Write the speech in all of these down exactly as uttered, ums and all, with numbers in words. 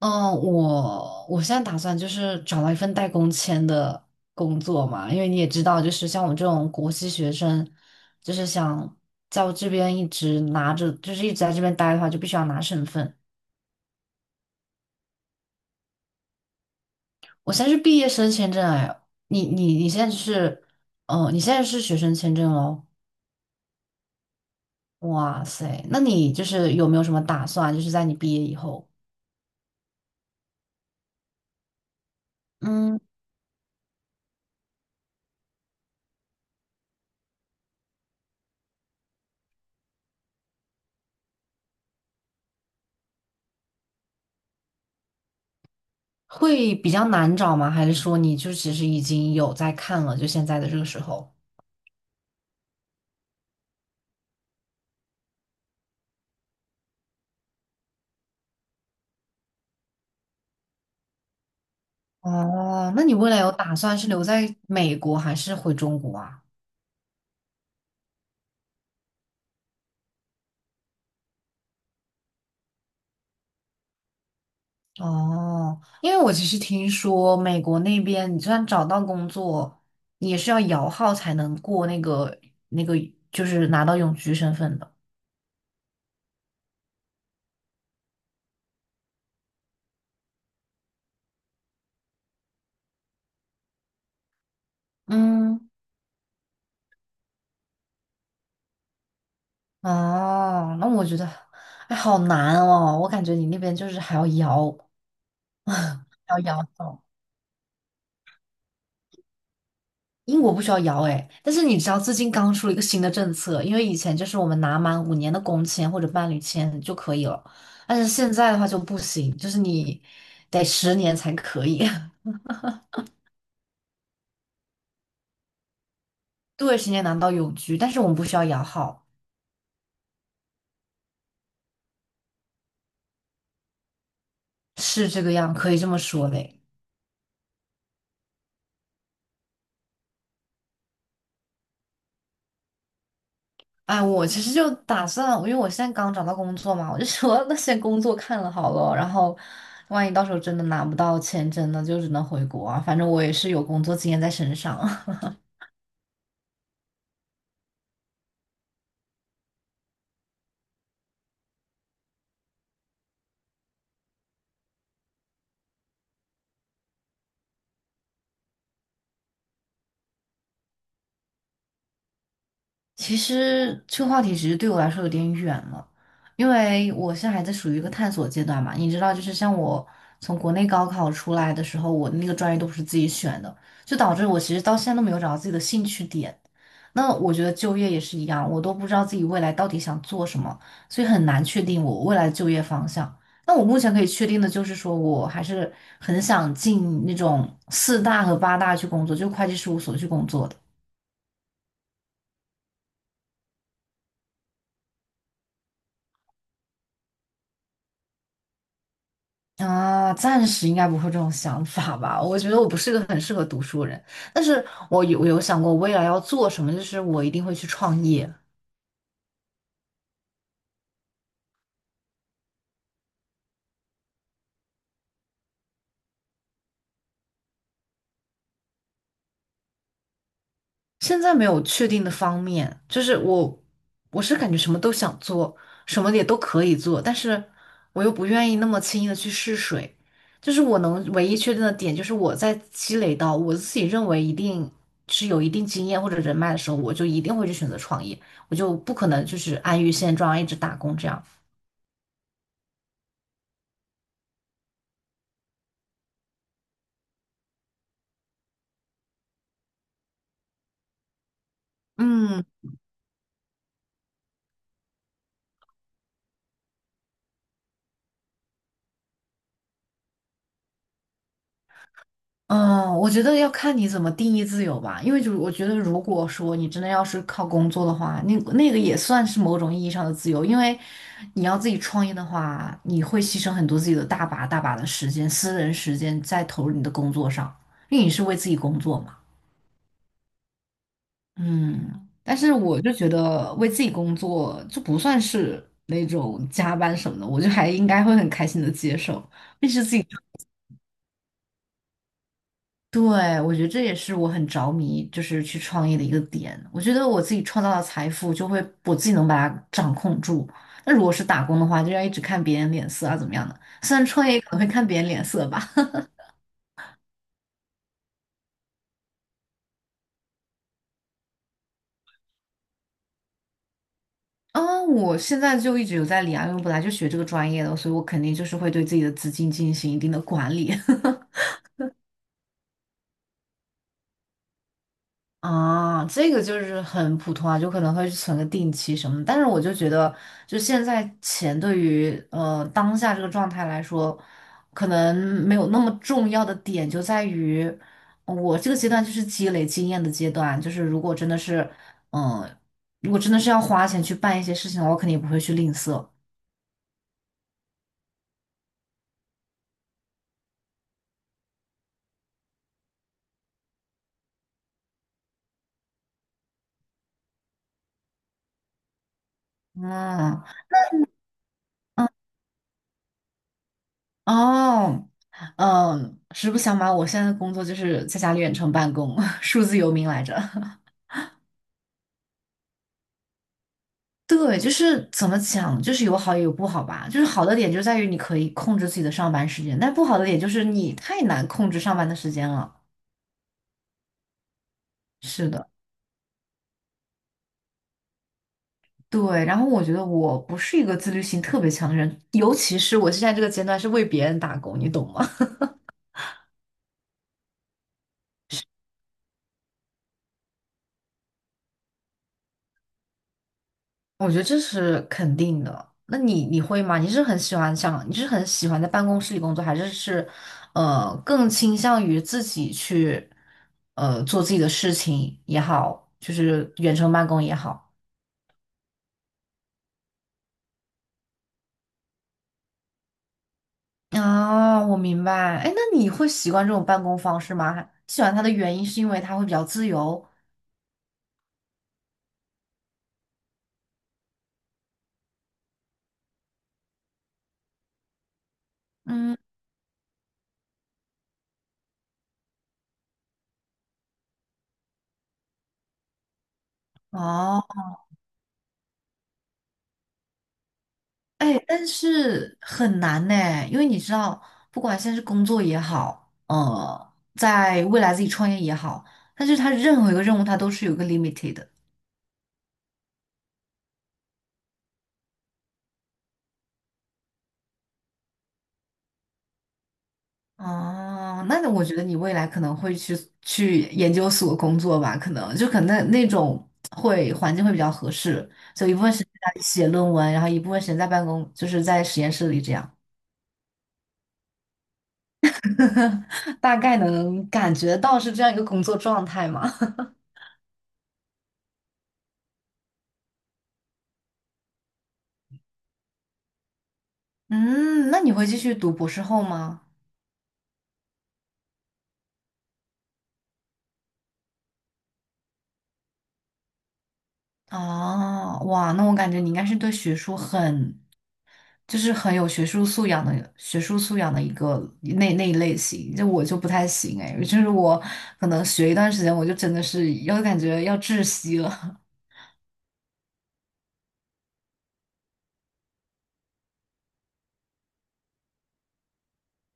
嗯，我我现在打算就是找到一份带工签的工作嘛，因为你也知道，就是像我这种国际学生，就是想在我这边一直拿着，就是一直在这边待的话，就必须要拿身份。我现在是毕业生签证，哎，你你你现在是，嗯，你现在是学生签证哦，哇塞，那你就是有没有什么打算，就是在你毕业以后，嗯，会比较难找吗？还是说你就其实已经有在看了，就现在的这个时候？哦，那你未来有打算是留在美国还是回中国啊？哦，因为我其实听说美国那边，你就算找到工作，你也是要摇号才能过那个那个，就是拿到永居身份的。嗯，哦，那我觉得，哎，好难哦，我感觉你那边就是还要摇，还要摇号。英国不需要摇哎，但是你知道最近刚出了一个新的政策，因为以前就是我们拿满五年的工签或者伴侣签就可以了，但是现在的话就不行，就是你得十年才可以，对，十年拿到永居，但是我们不需要摇号，是这个样，可以这么说嘞。哎，我其实就打算，因为我现在刚找到工作嘛，我就说那先工作看了好了，然后万一到时候真的拿不到签证呢，就只能回国啊，反正我也是有工作经验在身上。其实这个话题其实对我来说有点远了，因为我现在还在属于一个探索阶段嘛。你知道，就是像我从国内高考出来的时候，我那个专业都不是自己选的，就导致我其实到现在都没有找到自己的兴趣点。那我觉得就业也是一样，我都不知道自己未来到底想做什么，所以很难确定我未来的就业方向。那我目前可以确定的就是说，我还是很想进那种四大和八大去工作，就会计事务所去工作的。啊，暂时应该不会有这种想法吧？我觉得我不是一个很适合读书的人，但是我有我有想过未来要做什么，就是我一定会去创业。现在没有确定的方面，就是我我是感觉什么都想做，什么也都可以做，但是我又不愿意那么轻易的去试水。就是我能唯一确定的点，就是我在积累到我自己认为一定是有一定经验或者人脉的时候，我就一定会去选择创业，我就不可能就是安于现状，一直打工这样。嗯嗯，我觉得要看你怎么定义自由吧，因为就是我觉得，如果说你真的要是靠工作的话，那那个也算是某种意义上的自由，因为你要自己创业的话，你会牺牲很多自己的大把大把的时间、私人时间在投入你的工作上，因为你是为自己工作嘛。嗯，但是我就觉得为自己工作就不算是那种加班什么的，我就还应该会很开心的接受，毕竟是自己对，我觉得这也是我很着迷，就是去创业的一个点。我觉得我自己创造的财富，就会我自己能把它掌控住。那如果是打工的话，就要一直看别人脸色啊，怎么样的？虽然创业可能会看别人脸色吧。啊，我现在就一直有在理啊，因为我本来就学这个专业的，所以我肯定就是会对自己的资金进行一定的管理。啊，这个就是很普通啊，就可能会存个定期什么的但是我就觉得，就现在钱对于呃当下这个状态来说，可能没有那么重要的点就在于，呃我这个阶段就是积累经验的阶段。就是如果真的是，嗯、如果真的是要花钱去办一些事情的话，我肯定也不会去吝啬。嗯，哦，嗯，实不相瞒，我现在的工作就是在家里远程办公，数字游民来着。对，就是怎么讲，就是有好也有不好吧。就是好的点就在于你可以控制自己的上班时间，但不好的点就是你太难控制上班的时间了。是的，对。然后我觉得我不是一个自律性特别强的人，尤其是我现在这个阶段是为别人打工，你懂吗？我觉得这是肯定的。那你你会吗？你是很喜欢想，你是很喜欢在办公室里工作，还是是，呃，更倾向于自己去，呃，做自己的事情也好，就是远程办公也好？啊，我明白。哎，那你会习惯这种办公方式吗？喜欢它的原因是因为它会比较自由。嗯，哦，哎，但是很难呢，因为你知道，不管现在是工作也好，呃，在未来自己创业也好，但是它任何一个任务它都是有一个 limited 的。哦，那我觉得你未来可能会去去研究所工作吧，可能就可能那那种会环境会比较合适，就一部分时间在那里写论文，然后一部分时间在办公，就是在实验室里这样，大概能感觉到是这样一个工作状态嘛。嗯，那你会继续读博士后吗？哦，哇，那我感觉你应该是对学术很就是很有学术素养的学术素养的一个那那一类型，就我就不太行哎，就是我可能学一段时间，我就真的是要感觉要窒息了。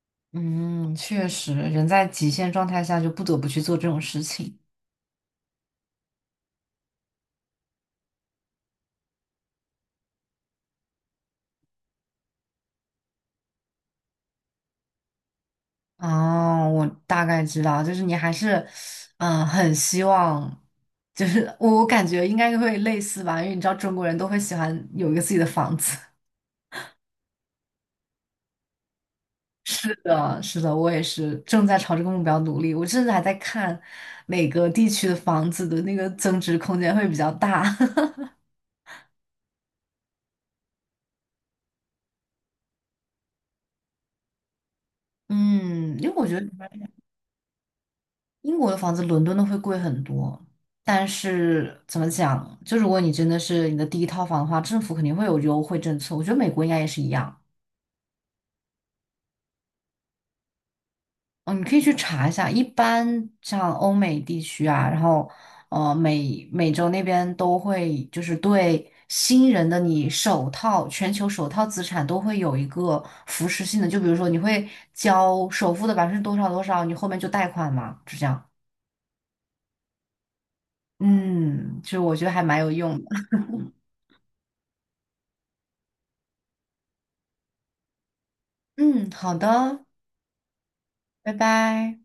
嗯，确实，人在极限状态下就不得不去做这种事情。哦，我大概知道，就是你还是，嗯，很希望，就是我我感觉应该会类似吧，因为你知道中国人都会喜欢有一个自己的房子。是的，是的，我也是正在朝这个目标努力。我甚至还在看哪个地区的房子的那个增值空间会比较大。嗯，因为我觉得英国的房子伦敦的会贵很多，但是怎么讲，就如果你真的是你的第一套房的话，政府肯定会有优惠政策。我觉得美国应该也是一样。嗯，你可以去查一下，一般像欧美地区啊，然后呃美美洲那边都会就是对新人的你首套全球首套资产都会有一个扶持性的，就比如说你会交首付的百分之多少多少，你后面就贷款嘛，就这样。嗯，就我觉得还蛮有用的。嗯，好的，拜拜。